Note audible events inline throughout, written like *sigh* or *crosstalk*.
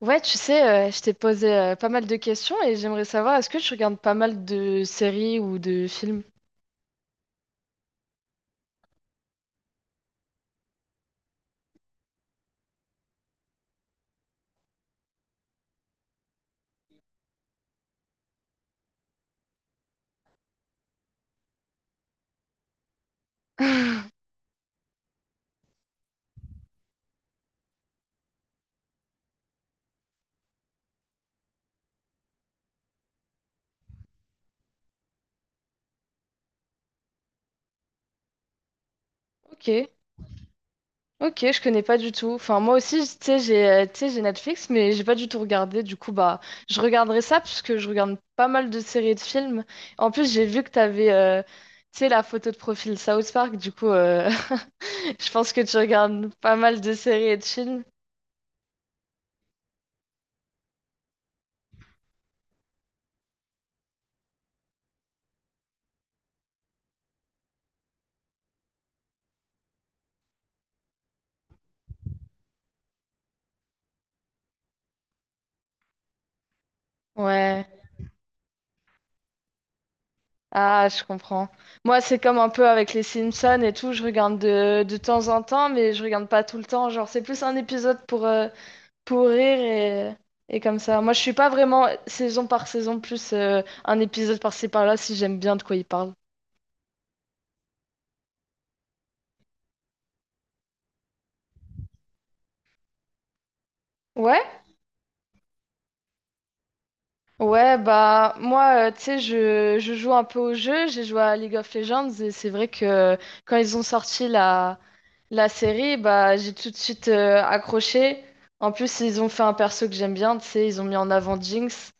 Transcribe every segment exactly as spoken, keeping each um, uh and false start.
Ouais, tu sais, euh, je t'ai posé euh, pas mal de questions et j'aimerais savoir, est-ce que tu regardes pas mal de séries ou de films? *laughs* Ok, ok, je connais pas du tout. Enfin, moi aussi, tu sais, j'ai, euh, tu sais, j'ai Netflix, mais j'ai pas du tout regardé. Du coup, bah, je regarderai ça parce que je regarde pas mal de séries et de films. En plus, j'ai vu que t'avais, euh, tu sais, la photo de profil South Park. Du coup, euh, *laughs* je pense que tu regardes pas mal de séries et de films. Ouais. Ah, je comprends. Moi, c'est comme un peu avec les Simpsons et tout, je regarde de, de temps en temps, mais je regarde pas tout le temps. Genre, c'est plus un épisode pour, euh, pour rire et, et comme ça. Moi, je suis pas vraiment saison par saison, plus euh, un épisode par-ci par-là si j'aime bien de quoi ils parlent. Ouais? Ouais, bah, moi, euh, tu sais, je, je joue un peu au jeu, j'ai joué à League of Legends et c'est vrai que euh, quand ils ont sorti La série, bah, j'ai tout de suite euh, accroché. En plus, ils ont fait un perso que j'aime bien, tu sais, ils ont mis en avant Jinx.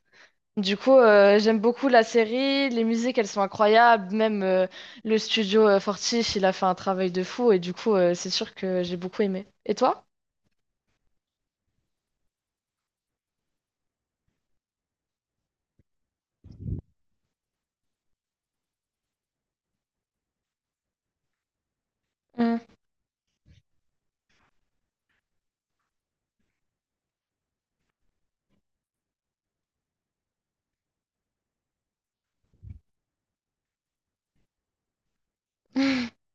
Du coup, euh, j'aime beaucoup la série, les musiques, elles sont incroyables, même euh, le studio euh, Fortiche, il a fait un travail de fou, et du coup, euh, c'est sûr que j'ai beaucoup aimé. Et toi? Hmm. *laughs*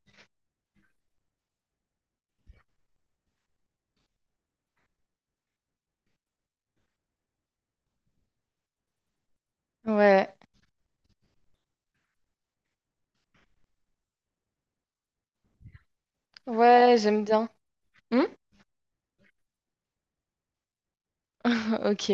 Ouais, ouais, j'aime bien. Ok.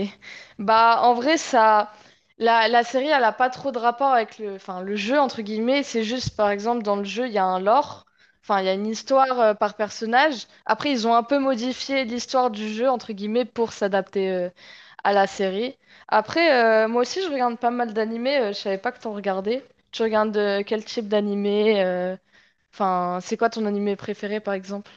Bah, en vrai, ça, la, la série, elle a pas trop de rapport avec le, enfin, le jeu, entre guillemets. C'est juste, par exemple, dans le jeu, il y a un lore. Enfin, il y a une histoire euh, par personnage. Après, ils ont un peu modifié l'histoire du jeu, entre guillemets, pour s'adapter euh, à la série. Après, euh, moi aussi, je regarde pas mal d'animés. euh, je savais pas que t'en regardais. Tu regardes euh, quel type d'animé euh, Enfin, c'est quoi ton animé préféré, par exemple?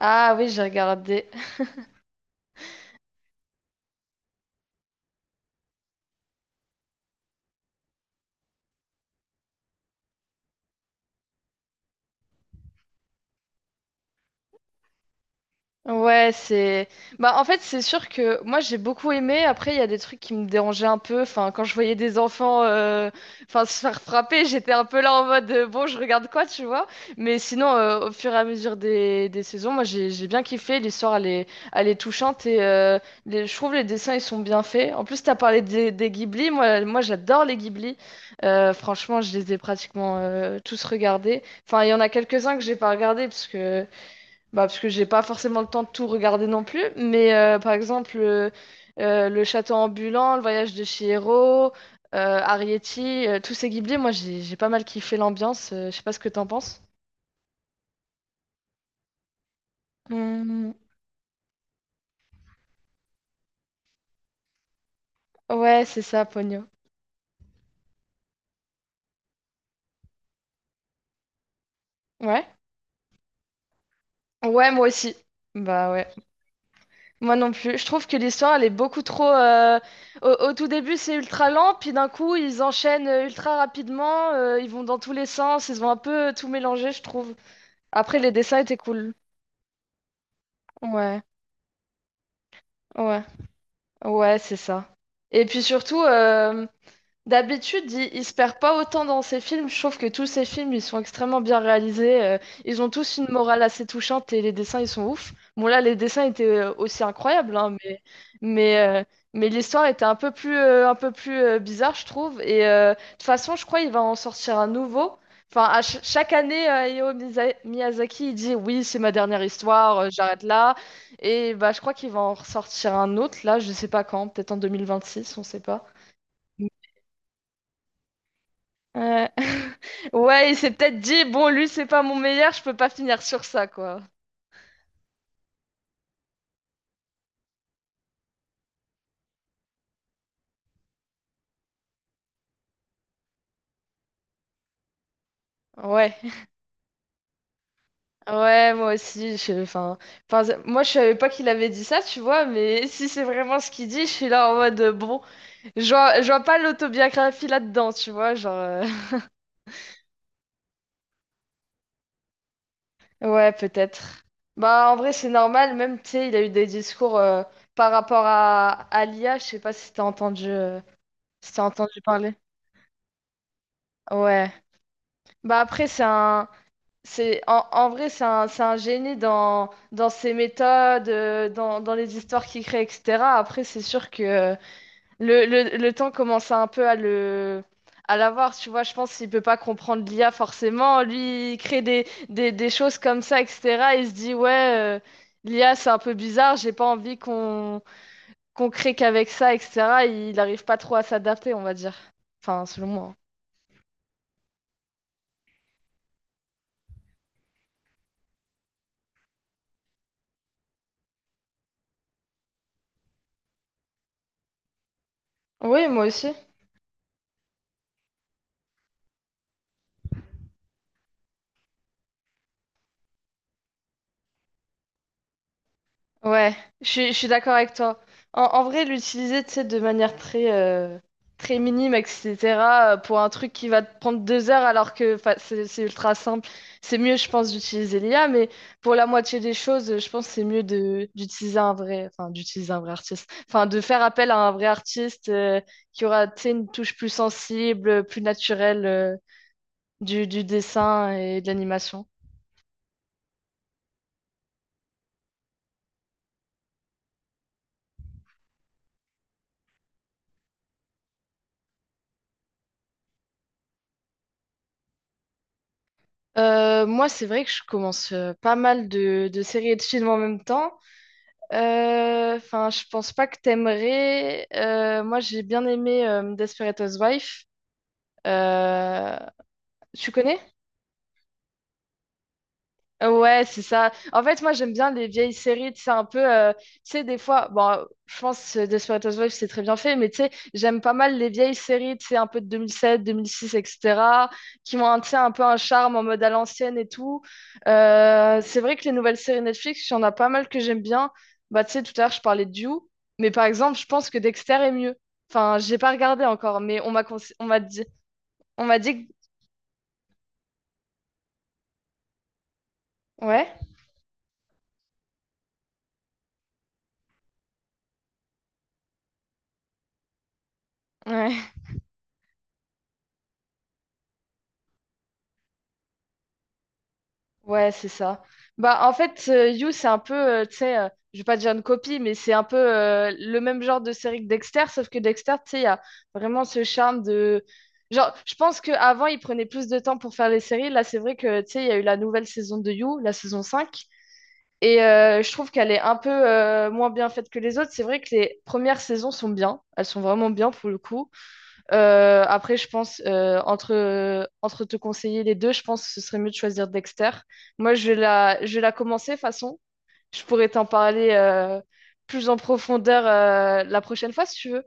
Ah oui, j'ai regardé. Ouais, c'est. Bah, en fait, c'est sûr que moi, j'ai beaucoup aimé. Après, il y a des trucs qui me dérangeaient un peu. Enfin, quand je voyais des enfants euh, enfin, se faire frapper, j'étais un peu là en mode euh, bon, je regarde quoi, tu vois. Mais sinon, euh, au fur et à mesure des, des saisons, moi, j'ai j'ai bien kiffé. L'histoire, elle est... elle est touchante et euh, les... je trouve les dessins, ils sont bien faits. En plus, t'as parlé des, des Ghibli. Moi, moi j'adore les Ghibli. Euh, franchement, je les ai pratiquement euh, tous regardés. Enfin, il y en a quelques-uns que j'ai pas regardés parce que. Bah, parce que j'ai pas forcément le temps de tout regarder non plus, mais euh, par exemple, euh, euh, Le Château ambulant, Le Voyage de Chihiro, euh, Arrietty, euh, tous ces Ghibli, moi j'ai j'ai pas mal kiffé l'ambiance. euh, je sais pas ce que t'en penses. Hmm, ouais, c'est ça, Ponyo. Ouais. Ouais, moi aussi. Bah ouais. Moi non plus. Je trouve que l'histoire, elle est beaucoup trop. euh, Au, au tout début, c'est ultra lent, puis d'un coup, ils enchaînent euh, ultra rapidement. euh, ils vont dans tous les sens. Ils ont un peu tout mélangé, je trouve. Après, les dessins étaient cool. Ouais. Ouais, ouais, c'est ça. Et puis surtout, euh, D'habitude, il, il se perd pas autant dans ses films. Je trouve que tous ses films, ils sont extrêmement bien réalisés. euh, ils ont tous une morale assez touchante et les dessins, ils sont ouf. Bon, là, les dessins étaient euh, aussi incroyables, hein, mais, mais, euh, mais l'histoire était un peu plus, euh, un peu plus euh, bizarre, je trouve. Et euh, de toute façon, je crois qu'il va en sortir un nouveau. Enfin, à ch- chaque année, euh, Hayao Miza- Miyazaki, il dit, oui, c'est ma dernière histoire, euh, j'arrête là. Et bah, je crois qu'il va en ressortir un autre, là, je sais pas quand, peut-être en deux mille vingt-six, on sait pas. Ouais. *laughs* Ouais, il s'est peut-être dit, bon, lui, c'est pas mon meilleur, je peux pas finir sur ça, quoi. Ouais. Ouais, moi aussi, je... enfin, enfin, c'est- moi, je savais pas qu'il avait dit ça, tu vois, mais *laughs* si c'est vraiment ce qu'il dit, je suis là en mode, euh, bon, je vois, je vois pas l'autobiographie là-dedans, tu vois, genre... euh, *laughs* Ouais, peut-être. Bah, en vrai, c'est normal, même, tu sais, il a eu des discours euh, par rapport à, à l'I A, je sais pas si t'as entendu, euh, si t'as entendu parler. Ouais. Bah, après, c'est un... C'est, en, en vrai, c'est un, c'est un génie dans, dans ses méthodes, euh, dans, dans les histoires qu'il crée, et cetera. Après, c'est sûr que euh, le, le, le temps commence un peu à le, à l'avoir, tu vois. Je pense qu'il peut pas comprendre l'I A forcément. Lui, il crée des, des, des choses comme ça, et cetera. Il se dit, ouais, euh, l'I A, c'est un peu bizarre, j'ai pas envie qu'on qu'on crée qu'avec ça, et cetera. Il n'arrive pas trop à s'adapter, on va dire. Enfin, selon moi. Oui, moi aussi. Ouais, je suis, je suis d'accord avec toi. En, en vrai, l'utiliser, tu sais, de manière très, euh, très minime, et cetera, euh, pour un truc qui va te prendre deux heures alors que 'fin, c'est c'est ultra simple. C'est mieux, je pense, d'utiliser l'I A, mais pour la moitié des choses, je pense que c'est mieux de d'utiliser un vrai, enfin, d'utiliser un vrai artiste. Enfin, de faire appel à un vrai artiste euh, qui aura, tu sais, une touche plus sensible, plus naturelle euh, du, du dessin et de l'animation. Euh, moi, c'est vrai que je commence euh, pas mal de, de séries et de films en même temps. Euh, Enfin, je pense pas que t'aimerais. Euh, moi, j'ai bien aimé euh, Desperate Housewives. Euh, tu connais? Ouais, c'est ça. En fait, moi, j'aime bien les vieilles séries. C'est un peu, euh, tu sais, des fois, bon, je pense que Desperate Housewives, c'est très bien fait, mais tu sais, j'aime pas mal les vieilles séries, tu sais, un peu de deux mille sept, deux mille six, et cetera, qui ont un, tu sais, un peu un charme en mode à l'ancienne et tout. Euh, c'est vrai que les nouvelles séries Netflix, il y en a pas mal que j'aime bien. Bah, tu sais, tout à l'heure, je parlais de You, mais par exemple, je pense que Dexter est mieux. Enfin, j'ai pas regardé encore, mais on m'a conse- on m'a dit, on m'a dit, que- ouais, ouais. Ouais, c'est ça. Bah, en fait, euh, You, c'est un peu, euh, tu sais, euh, je vais pas dire une copie, mais c'est un peu euh, le même genre de série que Dexter, sauf que Dexter, tu sais, il y a vraiment ce charme de... Genre, je pense qu'avant, il prenait plus de temps pour faire les séries. Là, c'est vrai que, tu sais, il y a eu la nouvelle saison de You, la saison cinq et euh, je trouve qu'elle est un peu euh, moins bien faite que les autres. C'est vrai que les premières saisons sont bien, elles sont vraiment bien pour le coup. Euh, après, je pense, euh, entre, entre te conseiller les deux, je pense que ce serait mieux de choisir Dexter. Moi, je vais la, je vais la commencer, de toute façon. Je pourrais t'en parler euh, plus en profondeur euh, la prochaine fois, si tu veux.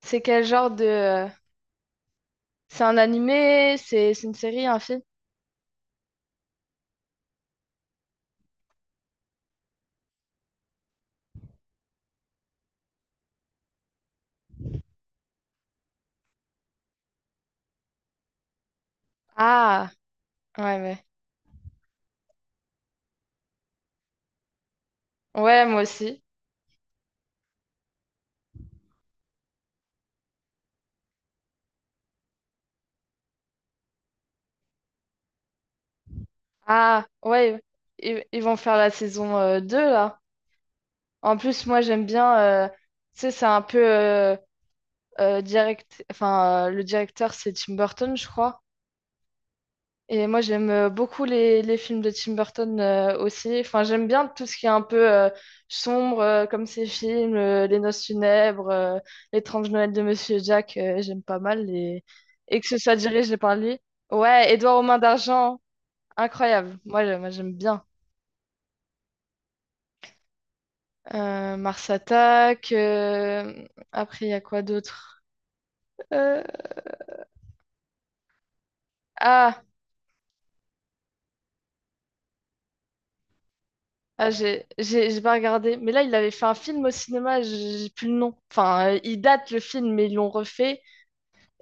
C'est quel genre de... euh, C'est un animé? C'est c'est une série, un film? Ah, ouais, mais... Ouais, moi aussi. Ah, ouais, ils, ils vont faire la saison euh, deux, là. En plus, moi, j'aime bien... euh, Tu sais, c'est un peu... euh, euh, direct, enfin, euh, le directeur, c'est Tim Burton, je crois. Et moi, j'aime euh, beaucoup les, les films de Tim Burton euh, aussi. Enfin, j'aime bien tout ce qui est un peu euh, sombre, euh, comme ces films, euh, Les Noces funèbres, euh, L'étrange Noël de Monsieur Jack, euh, j'aime pas mal. Et, et que ce soit dirigé par lui. Ouais, Édouard aux mains d'argent, incroyable. Moi, je- moi, j'aime bien. Euh, Mars Attack, euh, après, il y a quoi d'autre? Euh, Ah, Ah, j'ai j'ai- j'ai pas regardé. Mais là, il avait fait un film au cinéma, j'ai j'ai plus le nom. Enfin, euh, il date le film, mais ils l'ont refait.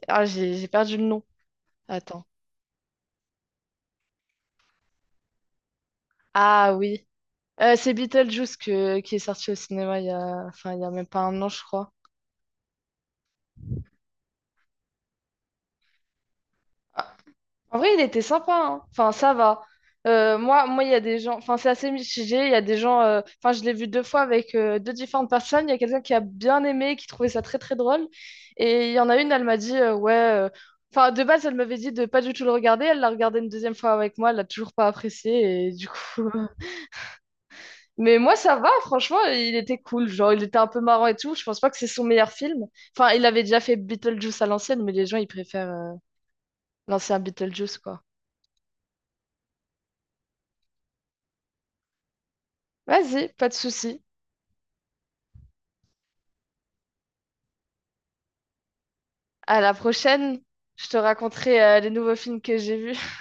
Ah, j'ai j'ai perdu le nom. Attends. Ah oui. Euh, c'est Beetlejuice que, qui est sorti au cinéma il y a, enfin, il y a même pas un an, je crois. Ah, En vrai, il était sympa, hein. Enfin, ça va. Euh, moi, moi, il y a des gens. Enfin, c'est assez mitigé. Il y a des gens. euh, Enfin, je l'ai vu deux fois avec euh, deux différentes personnes. Il y a quelqu'un qui a bien aimé, qui trouvait ça très très drôle. Et il y en a une, elle m'a dit euh, ouais. euh, Enfin, de base, elle m'avait dit de pas du tout le regarder. Elle l'a regardé une deuxième fois avec moi. Elle l'a toujours pas apprécié. Et du coup. *laughs* Mais moi, ça va. Franchement, il était cool. Genre, il était un peu marrant et tout. Je pense pas que c'est son meilleur film. Enfin, il avait déjà fait Beetlejuice à l'ancienne, mais les gens, ils préfèrent euh, l'ancien Beetlejuice, quoi. Vas-y, pas de souci. À la prochaine, je te raconterai euh, les nouveaux films que j'ai vus.